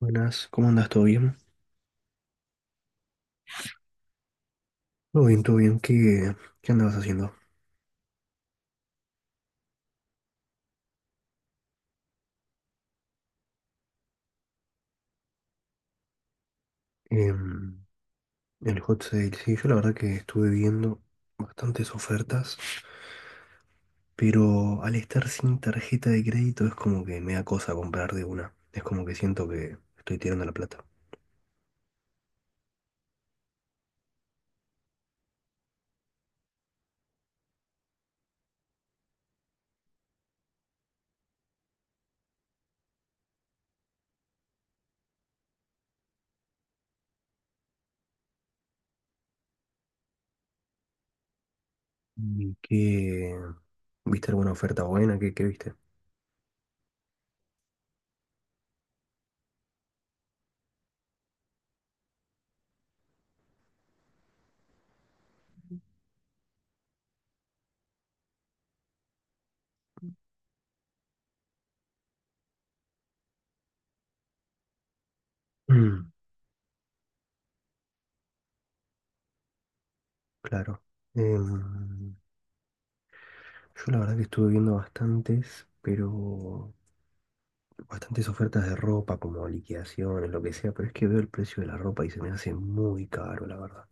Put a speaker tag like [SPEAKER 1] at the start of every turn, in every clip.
[SPEAKER 1] Buenas, ¿cómo andas? ¿Todo bien? Todo bien, todo bien. ¿Qué andabas haciendo? Em, el hot sale, sí, yo la verdad que estuve viendo bastantes ofertas, pero al estar sin tarjeta de crédito es como que me da cosa comprar de una. Es como que siento que estoy tirando la plata. ¿Y qué? ¿Viste alguna oferta buena? ¿Qué viste? Mm, claro. Em, yo la verdad que estuve viendo bastantes, pero bastantes ofertas de ropa, como liquidaciones, lo que sea, pero es que veo el precio de la ropa y se me hace muy caro, la verdad.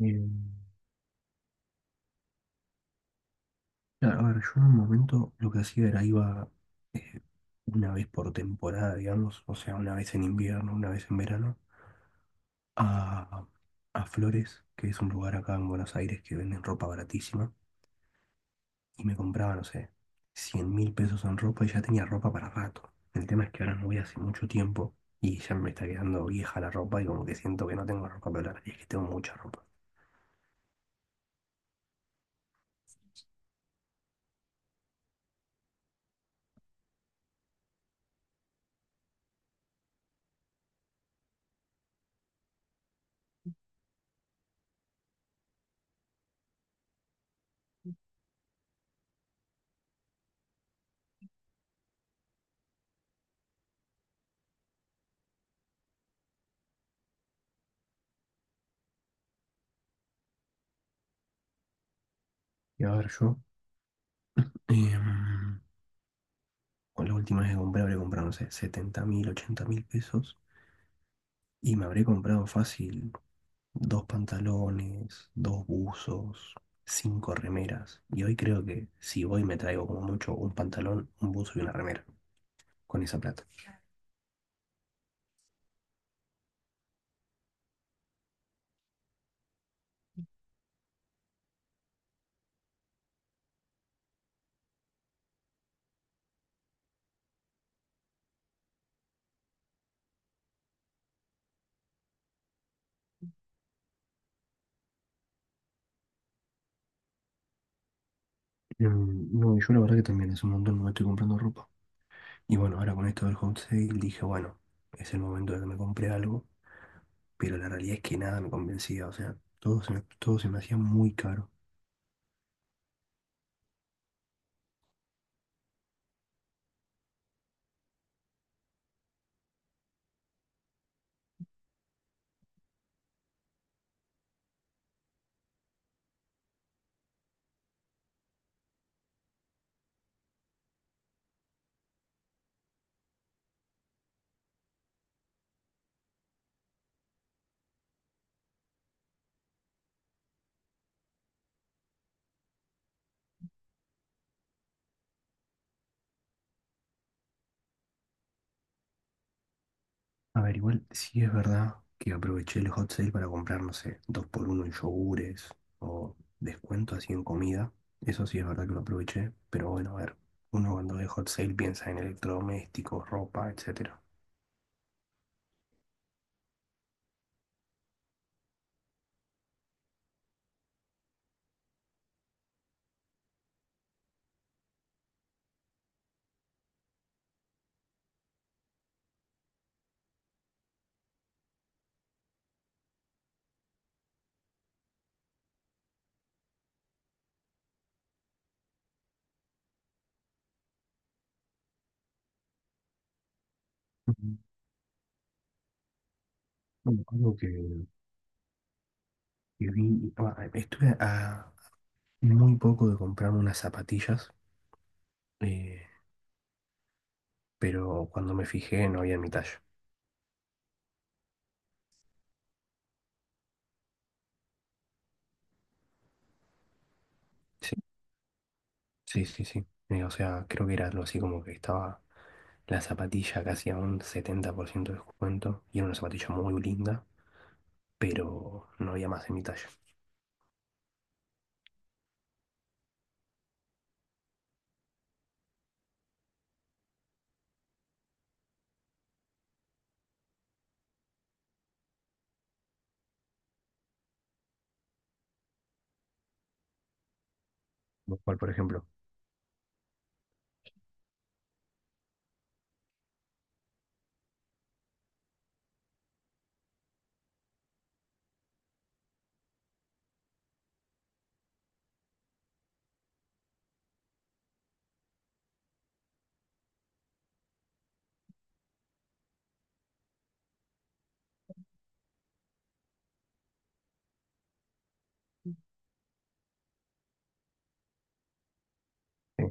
[SPEAKER 1] Eh, claro, a ver, yo en un momento lo que hacía era iba eh, una vez por temporada, digamos, o sea, una vez en invierno, una vez en verano, a, a Flores, que es un lugar acá en Buenos Aires que venden ropa baratísima. Y me compraba, no sé, 100.000 pesos en ropa y ya tenía ropa para rato. El tema es que ahora no voy hace mucho tiempo y ya me está quedando vieja la ropa y como que siento que no tengo ropa para hablar. Y es que tengo mucha ropa. Y a ver, yo, em, con la última vez que compré, habré comprado, no sé, 70.000, 80.000 pesos y me habré comprado fácil dos pantalones, dos buzos, cinco remeras. Y hoy creo que si voy me traigo como mucho un pantalón, un buzo y una remera con esa plata. Mm. No, yo la verdad que también hace un montón no me estoy comprando ropa. Y bueno, ahora con esto del home sale dije, bueno, es el momento de que me compre algo, pero la realidad es que nada me convencía, o sea, todo se me hacía muy caro. A ver, igual sí es verdad que aproveché el hot sale para comprar, no sé, dos por uno en yogures o descuento así en comida. Eso sí es verdad que lo aproveché, pero bueno, a ver, uno cuando ve hot sale piensa en electrodomésticos, ropa, etcétera. Ujú. Bueno, algo que vi, ah, muy poco de comprarme unas zapatillas, eh, pero cuando me fijé no había en mi talla. Sí, sí, sí, sí. O sea, creo que era algo así como que estaba la zapatilla casi a un 70% de descuento y era una zapatilla muy linda, pero no había más en mi talla. Lo cual, por ejemplo. Sí.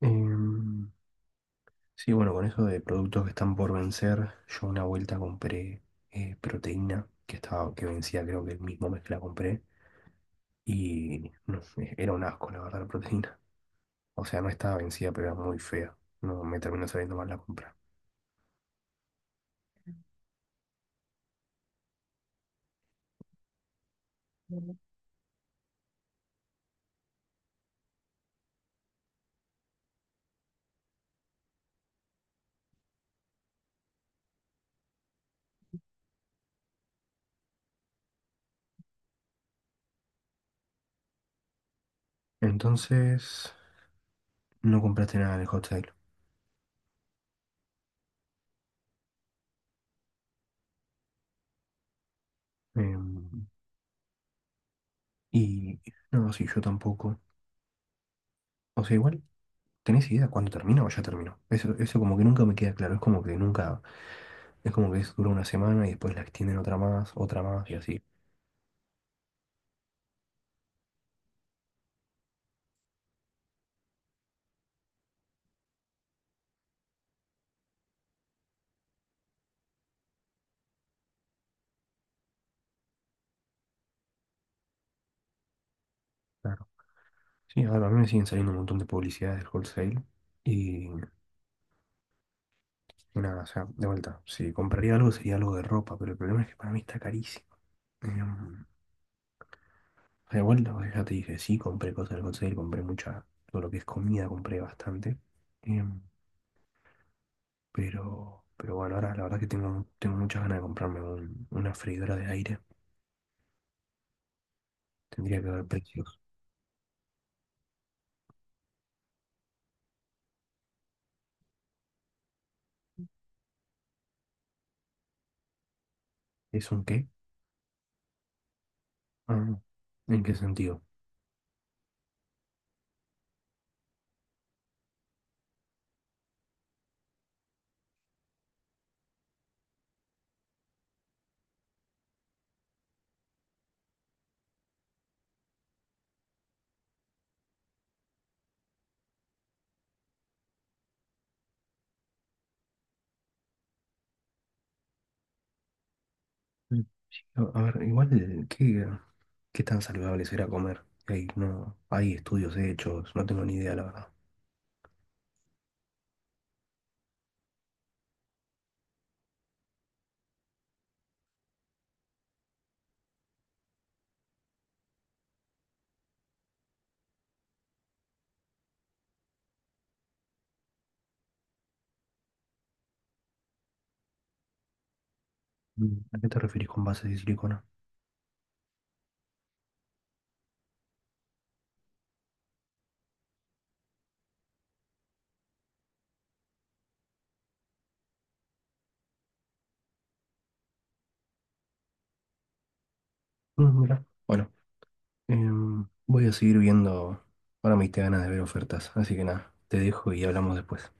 [SPEAKER 1] Em, sí, bueno, con eso de productos que están por vencer, yo una vuelta compré proteína que estaba, que vencía, creo que el mismo mes que la compré. Y no sé, era un asco, la verdad, la proteína. O sea, no estaba vencida, pero era muy fea. No me terminó saliendo mal la compra. Entonces, no compraste nada de Hot Sale. Em, y no, sí, yo tampoco. O sea, igual, ¿tenés idea cuándo termina o ya terminó? Eso como que nunca me queda claro. Es como que nunca, es como que es, dura una semana y después la extienden otra más y así. Claro. Sí, a ver, a mí me siguen saliendo un montón de publicidades del wholesale. Y nada, o sea, de vuelta. Si compraría algo sería algo de ropa, pero el problema es que para mí está carísimo. Em, De vuelta, pues, ya te dije, sí, compré cosas del Hot Sale, compré mucha, todo lo que es comida, compré bastante. Em, pero bueno, ahora la verdad que tengo muchas ganas de comprarme un- una freidora de aire. Tendría que ver precios. ¿Es un qué? Ah, no. ¿En qué sentido? Mm. A ver, igual, ¿qué tan saludable será comer? Hay, no, hay estudios hechos, no tengo ni idea, la verdad. Mm, ¿a qué te referís con bases de silicona? Mm, mira. Bueno, voy a seguir viendo. Ahora me diste ganas de ver ofertas, así que nada, te dejo y hablamos después.